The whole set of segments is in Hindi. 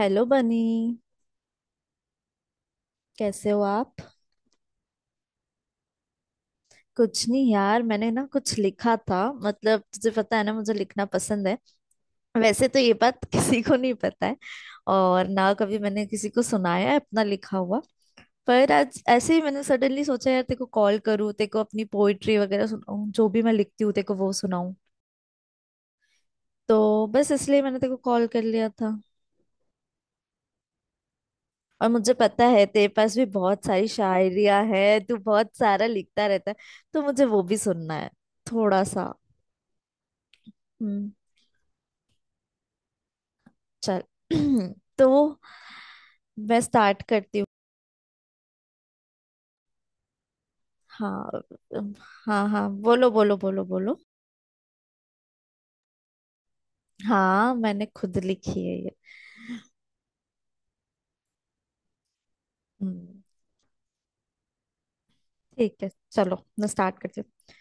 हेलो बनी। कैसे हो आप? कुछ नहीं यार, मैंने ना कुछ लिखा था। मतलब तुझे पता है ना, मुझे लिखना पसंद है। वैसे तो ये बात किसी को नहीं पता है, और ना कभी मैंने किसी को सुनाया है अपना लिखा हुआ। पर आज ऐसे ही मैंने सडनली सोचा, यार तेरे को कॉल करूँ, तेरे को अपनी पोइट्री वगैरह सुनाऊँ, जो भी मैं लिखती हूँ तेरे को वो सुनाऊँ। तो बस इसलिए मैंने तेरे को कॉल कर लिया था। और मुझे पता है तेरे पास भी बहुत सारी शायरियां हैं, तू बहुत सारा लिखता रहता है। तो मुझे वो भी सुनना है। थोड़ा सा। हम्म। चल तो मैं स्टार्ट करती हूँ। हाँ। अम, हाँ हाँ, बोलो बोलो बोलो बोलो। हाँ, मैंने खुद लिखी है ये। हम्म। ठीक है, चलो मैं स्टार्ट करती हूँ।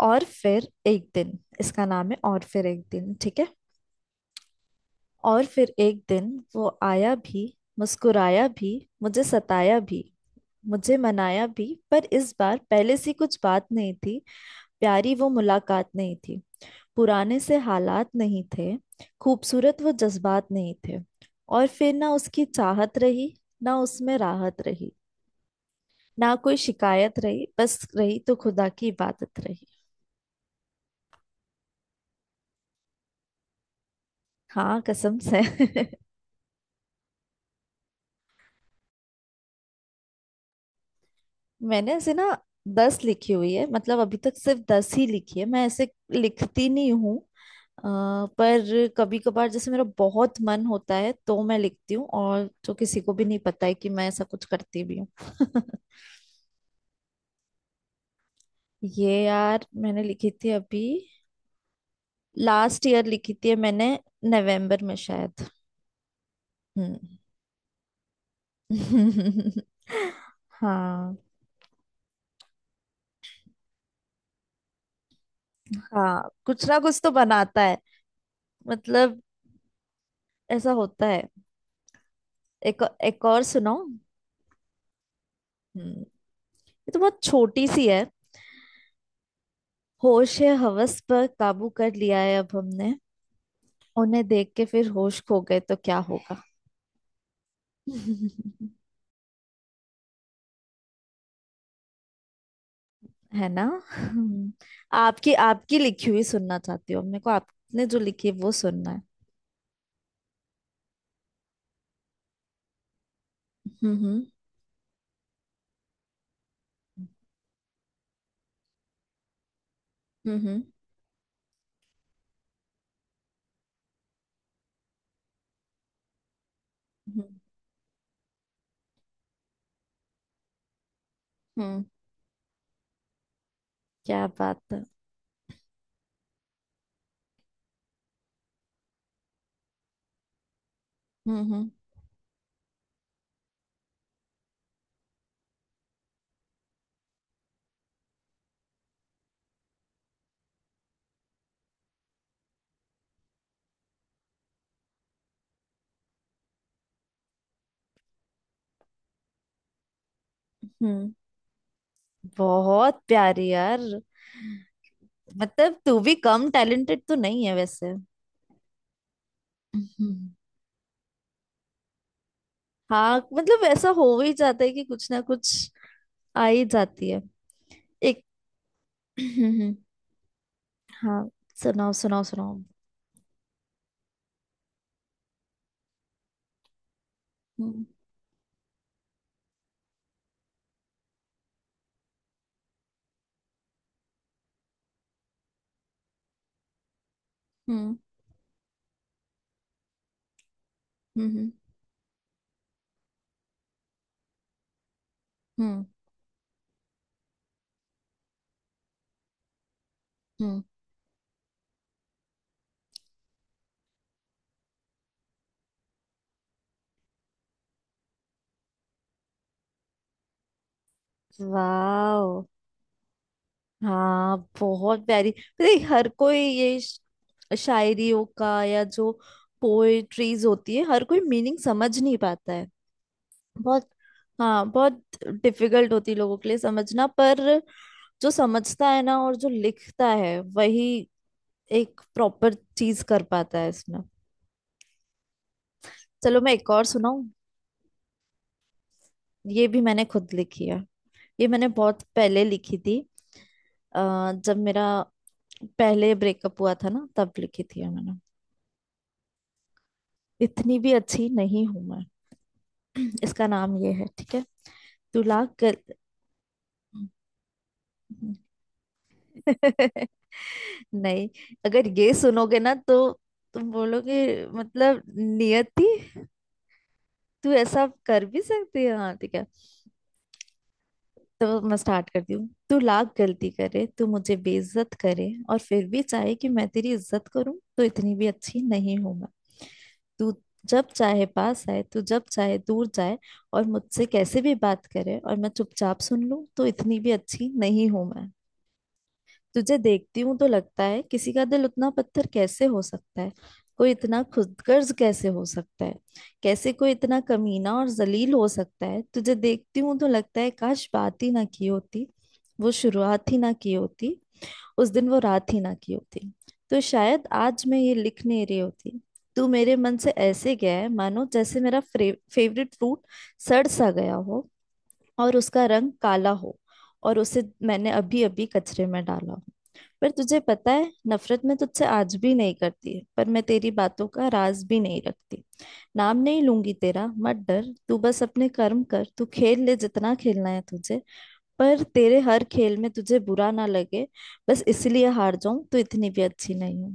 और फिर एक दिन, इसका नाम है और फिर एक दिन, ठीक है। और फिर एक दिन वो आया भी, मुस्कुराया भी, मुझे सताया भी, मुझे मनाया भी। पर इस बार पहले सी कुछ बात नहीं थी, प्यारी वो मुलाकात नहीं थी, पुराने से हालात नहीं थे, खूबसूरत वो जज्बात नहीं थे। और फिर ना उसकी चाहत रही, ना उसमें राहत रही, ना कोई शिकायत रही, बस रही तो खुदा की इबादत रही। हाँ, कसम से। मैंने ऐसे ना 10 लिखी हुई है, मतलब अभी तक सिर्फ 10 ही लिखी है, मैं ऐसे लिखती नहीं हूँ। अ, पर कभी कभार जैसे मेरा बहुत मन होता है तो मैं लिखती हूँ, और जो किसी को भी नहीं पता है कि मैं ऐसा कुछ करती भी हूँ। ये यार मैंने लिखी थी अभी, लास्ट ईयर लिखी थी मैंने, नवंबर में शायद। हम्म। हाँ। हाँ, कुछ ना कुछ तो बनाता है। मतलब ऐसा होता है। एक एक और सुनो। हम्म। ये तो बहुत छोटी सी है। होश है, हवस पर काबू कर लिया है अब हमने। उन्हें देख के फिर होश खो गए तो क्या होगा? है ना। हम्म। आपकी आपकी लिखी हुई सुनना चाहती हूँ, मेरे को आपने जो लिखी है वो सुनना। हम्म हम्म हम्म हम्म। क्या बात है! हम्म हम्म हम्म। बहुत प्यारी यार। मतलब तू भी कम टैलेंटेड तो नहीं है वैसे। हम्म। हाँ, मतलब ऐसा हो ही जाता है कि कुछ ना कुछ आ ही जाती है। एक। हम्म। हाँ, सुनाओ सुनाओ सुनाओ। हम्म हम्म हम्म हम्म हम्म। वाह! हाँ, बहुत प्यारी। देख हर कोई ये शायरियों का, या जो पोएट्रीज होती है, हर कोई मीनिंग समझ नहीं पाता है। बहुत। हाँ बहुत डिफिकल्ट होती है लोगों के लिए समझना, पर जो समझता है ना, और जो लिखता है, वही एक प्रॉपर चीज कर पाता है इसमें। चलो मैं एक और सुनाऊं। ये भी मैंने खुद लिखी है। ये मैंने बहुत पहले लिखी थी। जब मेरा पहले ब्रेकअप हुआ था ना, तब लिखी थी ये मैंने। इतनी भी अच्छी नहीं हूं मैं। इसका नाम ये है, ठीक है, तुला कर। नहीं, अगर ये सुनोगे ना, तो तुम बोलोगे, मतलब नियति तू ऐसा कर भी सकती है, हाँ ठीक है। तो मैं स्टार्ट करती हूँ। तू लाख गलती करे, तू मुझे बेइज्जत करे, और फिर भी चाहे कि मैं तेरी इज्जत करूं, तो इतनी भी अच्छी नहीं हूं मैं। तू जब चाहे पास आए, तू जब चाहे दूर जाए, और मुझसे कैसे भी बात करे और मैं चुपचाप सुन लूं, तो इतनी भी अच्छी नहीं हूं मैं। तुझे देखती हूं तो लगता है किसी का दिल उतना पत्थर कैसे हो सकता है, कोई इतना खुदगर्ज कैसे हो सकता है, कैसे कोई इतना कमीना और जलील हो सकता है। तुझे देखती हूं तो लगता है काश बात ही ना की होती, वो शुरुआत ही ना की होती, उस दिन वो रात ही ना की होती, तो शायद आज मैं ये लिख नहीं रही होती। तू मेरे मन से ऐसे गया है मानो जैसे मेरा फेवरेट फ्रूट सड़ सा गया हो, और उसका रंग काला हो, और उसे मैंने अभी अभी कचरे में डाला हो। पर तुझे पता है, नफरत मैं तुझसे आज भी नहीं करती है, पर मैं तेरी बातों का राज भी नहीं रखती। नाम नहीं लूंगी तेरा, मत डर। तू बस अपने कर्म कर, तू खेल ले जितना खेलना है तुझे, पर तेरे हर खेल में तुझे बुरा ना लगे बस इसलिए हार जाऊं, तो इतनी भी अच्छी नहीं हूं।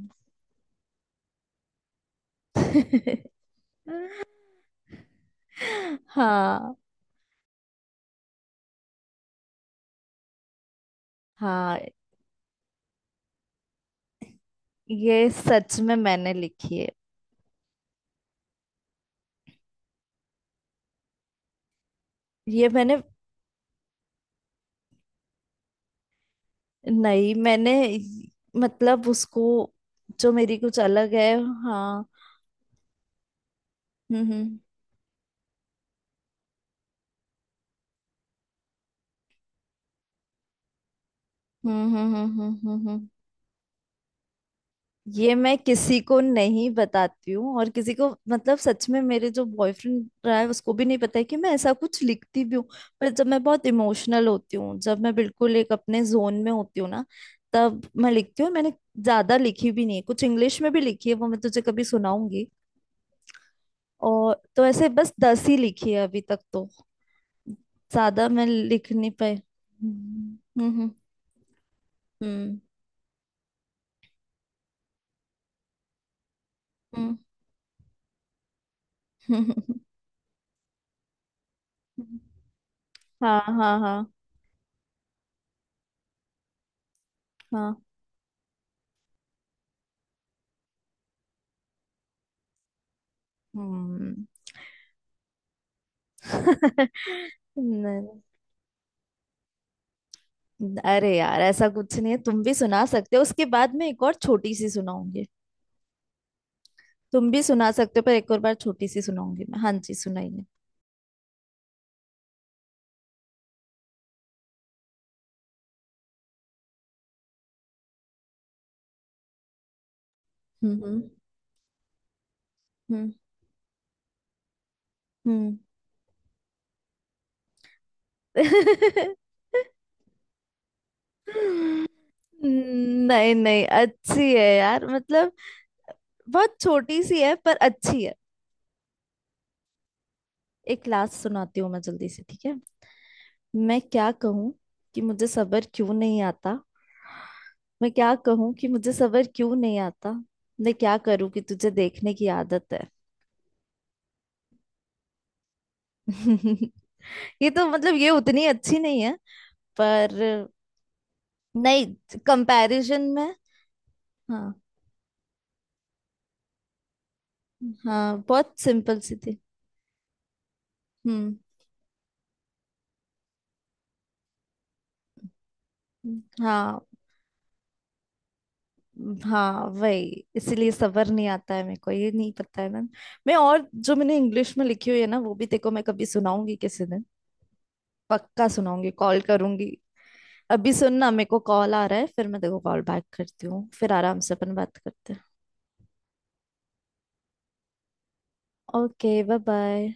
हाँ। हाँ, ये सच में मैंने लिखी है। ये मैंने नहीं मैंने मतलब उसको, जो मेरी कुछ अलग है। हाँ। हम्म हम्म हम्म हम्म हम्म हम्म हम्म, हम्म। ये मैं किसी को नहीं बताती हूँ, और किसी को मतलब सच में मेरे जो बॉयफ्रेंड रहा है उसको भी नहीं पता है कि मैं ऐसा कुछ लिखती भी हूँ। पर जब मैं बहुत इमोशनल होती हूँ, जब मैं बिल्कुल एक अपने जोन में होती हूँ ना, तब मैं लिखती हूँ। मैंने ज्यादा लिखी भी नहीं है, कुछ इंग्लिश में भी लिखी है, वो मैं तुझे कभी सुनाऊंगी। और तो ऐसे बस 10 ही लिखी है अभी तक तो, ज्यादा मैं लिख नहीं पाई। हम्म हम्म हम्म, हम्म, हम्म। हाँ हाँ हाँ। हाँ। हम्म। नहीं, अरे यार ऐसा कुछ नहीं है, तुम भी सुना सकते हो। उसके बाद मैं एक और छोटी सी सुनाऊंगी। तुम भी सुना सकते हो, पर एक और बार छोटी सी सुनाऊंगी मैं। हाँ जी, सुनाइए। हम्म हम्म हम्म। हम्म। नहीं नहीं, अच्छी है यार। मतलब बहुत छोटी सी है पर अच्छी है। एक लास्ट सुनाती हूँ मैं जल्दी से, ठीक है। मैं क्या कहूँ कि मुझे सब्र क्यों नहीं आता। मैं क्या कहूँ कि मुझे सब्र क्यों नहीं आता। मैं क्या करूँ कि तुझे देखने की आदत है। ये तो मतलब ये उतनी अच्छी नहीं है, पर। नहीं, कंपैरिजन में। हाँ। हाँ बहुत सिंपल सी थी। हम्म हम्म। हाँ, हाँ वही, इसीलिए सबर नहीं आता है मेरे को, ये नहीं पता है ना। मैं, और जो मैंने इंग्लिश में लिखी हुई है ना वो भी देखो, मैं कभी सुनाऊंगी किसी दिन। पक्का सुनाऊंगी, कॉल करूंगी। अभी सुनना, मेरे को कॉल आ रहा है, फिर मैं देखो कॉल बैक करती हूँ, फिर आराम से अपन बात करते हैं। Okay, bye bye.